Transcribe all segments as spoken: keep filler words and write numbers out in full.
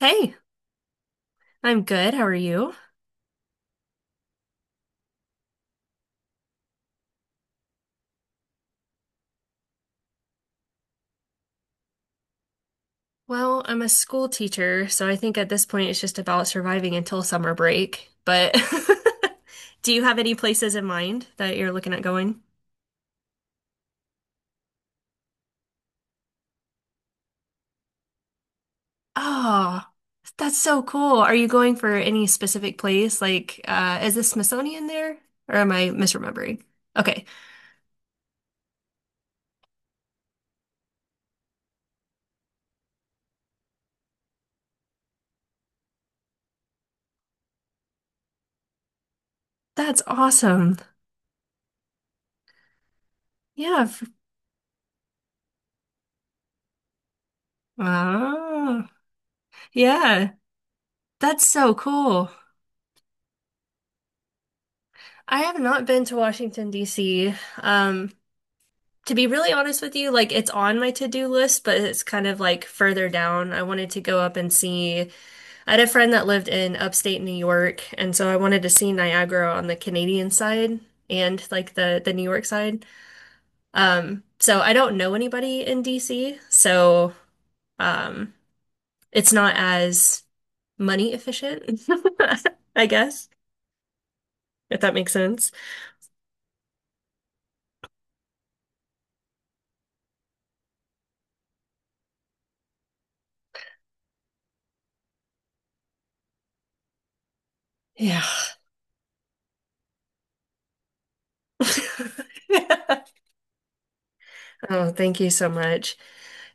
Hey, I'm good. How are you? Well, I'm a school teacher, so I think at this point it's just about surviving until summer break. But do you have any places in mind that you're looking at going? Oh, that's so cool. Are you going for any specific place? Like, uh, is the Smithsonian there? Or am I misremembering? Okay, that's awesome. Yeah. f- Wow. Yeah, that's so cool. I have not been to Washington, D C. Um, to be really honest with you, like it's on my to-do list, but it's kind of like further down. I wanted to go up and see. I had a friend that lived in upstate New York, and so I wanted to see Niagara on the Canadian side and like the the New York side. Um, so I don't know anybody in D C, so um, it's not as money efficient, I guess, if that makes sense. Yeah. Oh, thank you so much.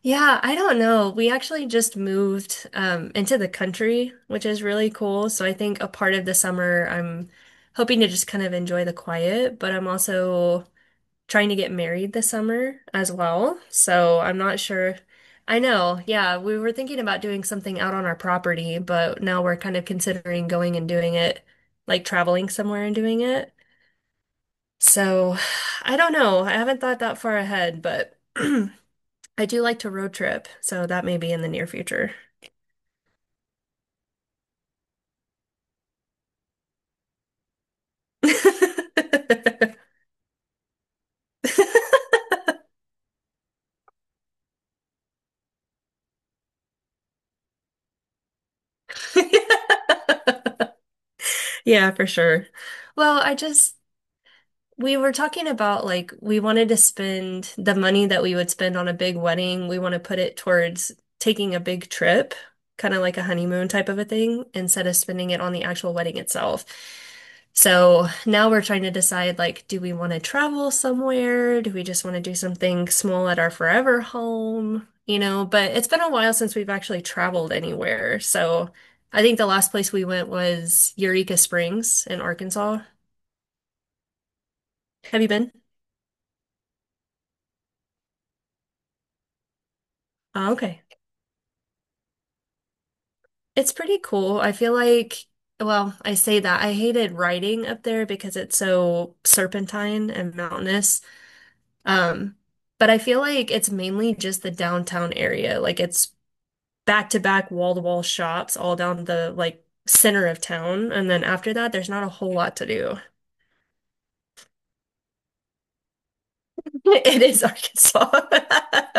Yeah, I don't know. We actually just moved um, into the country, which is really cool. So I think a part of the summer, I'm hoping to just kind of enjoy the quiet, but I'm also trying to get married this summer as well. So I'm not sure. I know. Yeah, we were thinking about doing something out on our property, but now we're kind of considering going and doing it, like traveling somewhere and doing it. So I don't know. I haven't thought that far ahead, but. I do like to road trip, so that may be in the near future. Yeah, for sure. Well, I just we were talking about like we wanted to spend the money that we would spend on a big wedding, we want to put it towards taking a big trip, kind of like a honeymoon type of a thing, instead of spending it on the actual wedding itself. So now we're trying to decide like, do we want to travel somewhere? Do we just want to do something small at our forever home? You know, but it's been a while since we've actually traveled anywhere. So I think the last place we went was Eureka Springs in Arkansas. Have you been? Oh, okay. It's pretty cool. I feel like, well, I say that I hated riding up there because it's so serpentine and mountainous. Um, but I feel like it's mainly just the downtown area. Like it's back to back wall to wall shops all down the like center of town. And then after that, there's not a whole lot to do. It is Arkansas.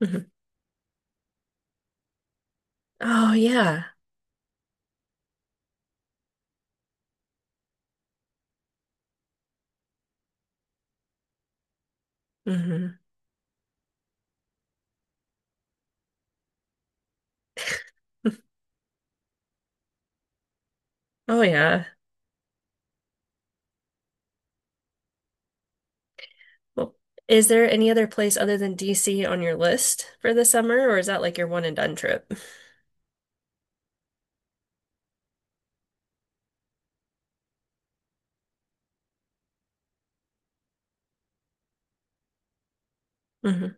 Mhm. Oh yeah. Hmm. Oh yeah. Well, is there any other place other than D C on your list for the summer, or is that like your one and done trip? Hmm.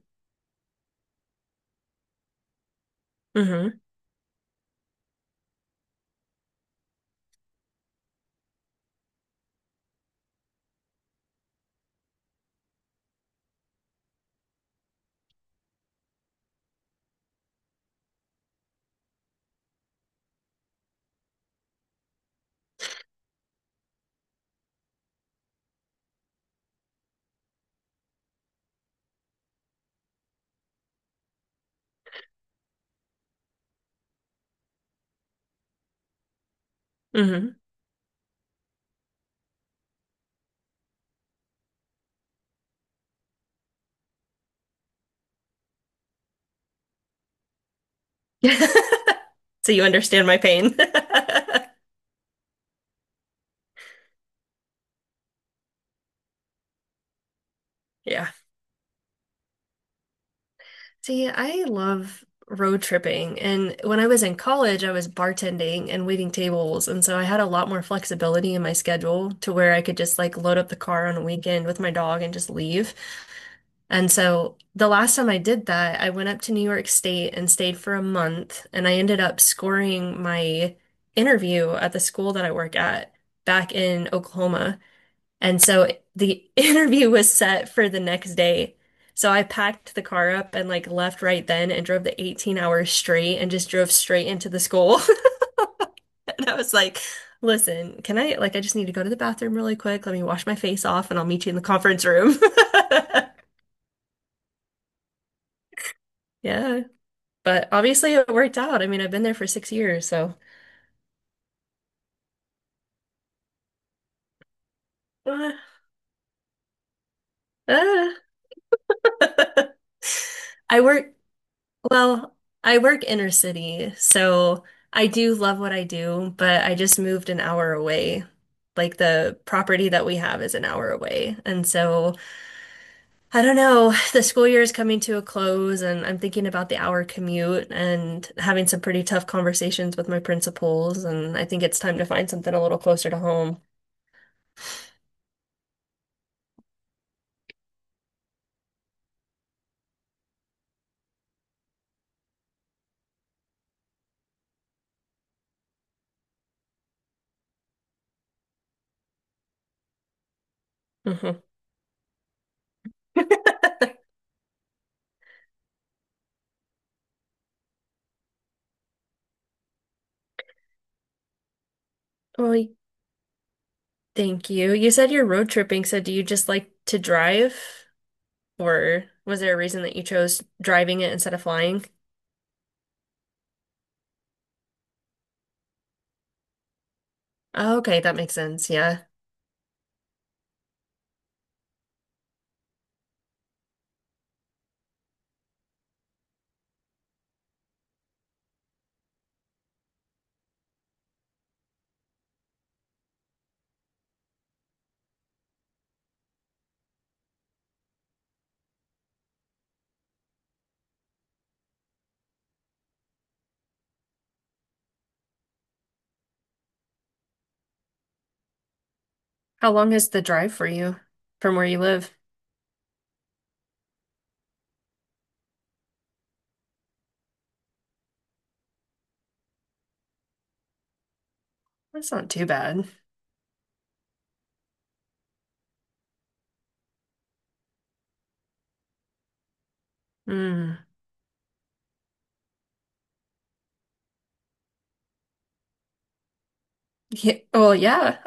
Hmm. Hmm. So you understand my pain. Yeah. See, I love road tripping. And when I was in college, I was bartending and waiting tables. And so I had a lot more flexibility in my schedule to where I could just like load up the car on a weekend with my dog and just leave. And so the last time I did that, I went up to New York State and stayed for a month. And I ended up scoring my interview at the school that I work at back in Oklahoma. And so the interview was set for the next day. So I packed the car up and like left right then and drove the eighteen hours straight and just drove straight into the school. And I was like, listen, can I like I just need to go to the bathroom really quick. Let me wash my face off and I'll meet you in the conference room. Yeah. But obviously it worked out. I mean, I've been there for six years, so uh, uh. I work Well, I work inner city, so I do love what I do, but I just moved an hour away. Like the property that we have is an hour away. And so I don't know, the school year is coming to a close, and I'm thinking about the hour commute and having some pretty tough conversations with my principals. And I think it's time to find something a little closer to home. Uh huh. Well, thank you. You said you're road tripping, so do you just like to drive, or was there a reason that you chose driving it instead of flying? Oh, okay, that makes sense. Yeah. How long is the drive for you from where you live? That's not too bad. Mm. Yeah, well, yeah.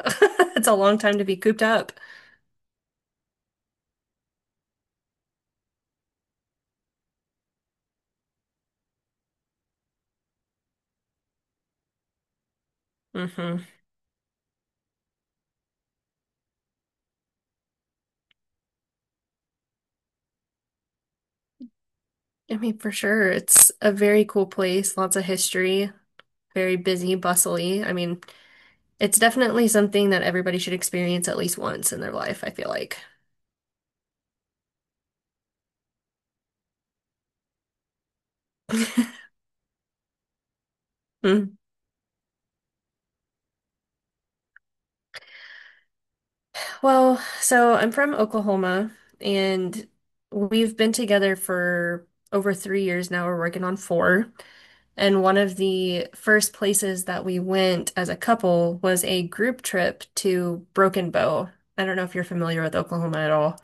It's a long time to be cooped up. hmm I mean, for sure. It's a very cool place, lots of history, very busy, bustly. I mean, it's definitely something that everybody should experience at least once in their life, I feel like. Mm. Well, so I'm from Oklahoma, and we've been together for over three years now. We're working on four. And one of the first places that we went as a couple was a group trip to Broken Bow. I don't know if you're familiar with Oklahoma at all.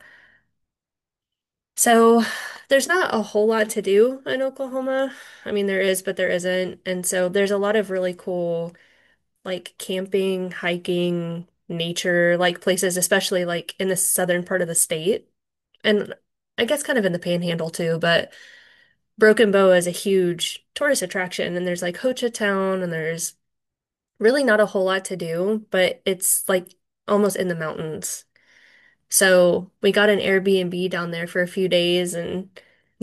So there's not a whole lot to do in Oklahoma. I mean, there is, but there isn't. And so there's a lot of really cool, like camping, hiking, nature, like places, especially like in the southern part of the state. And I guess kind of in the panhandle too, but Broken Bow is a huge tourist attraction. And there's like Ho Chi Town and there's really not a whole lot to do, but it's like almost in the mountains. So we got an Airbnb down there for a few days and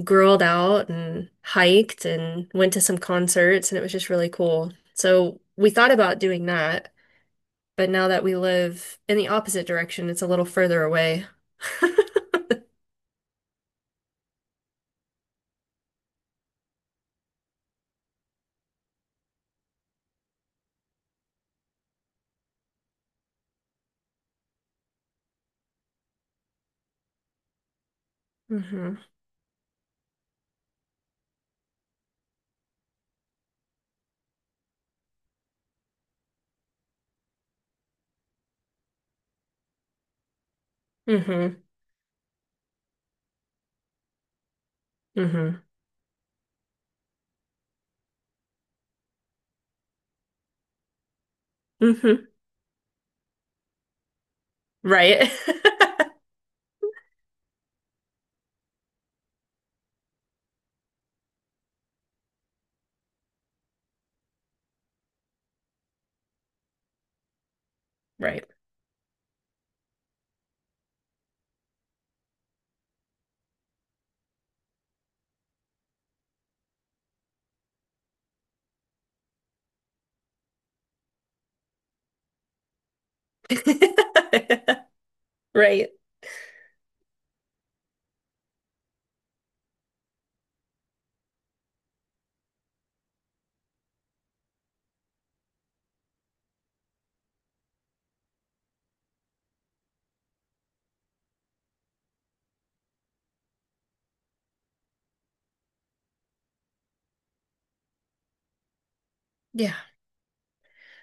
grilled out and hiked and went to some concerts, and it was just really cool. So we thought about doing that, but now that we live in the opposite direction, it's a little further away. Hmm. Hmm. Hmm. Hmm. Right. Right. Right. Yeah.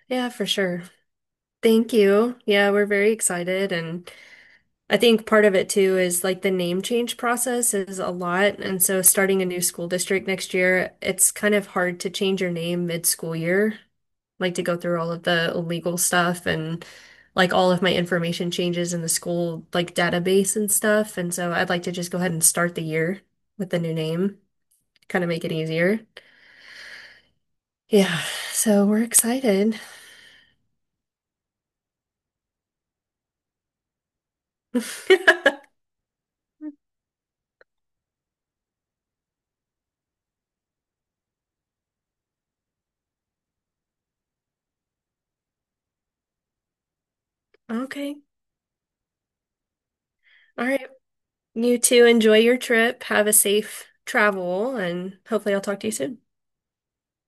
Yeah, for sure. Thank you. Yeah, we're very excited. And I think part of it too is like the name change process is a lot. And so starting a new school district next year, it's kind of hard to change your name mid-school year, like to go through all of the legal stuff and like all of my information changes in the school like database and stuff. And so I'd like to just go ahead and start the year with the new name, kind of make it easier. Yeah, so we're excited. Okay. All right. You too enjoy your trip. Have a safe travel, and hopefully I'll talk to you soon.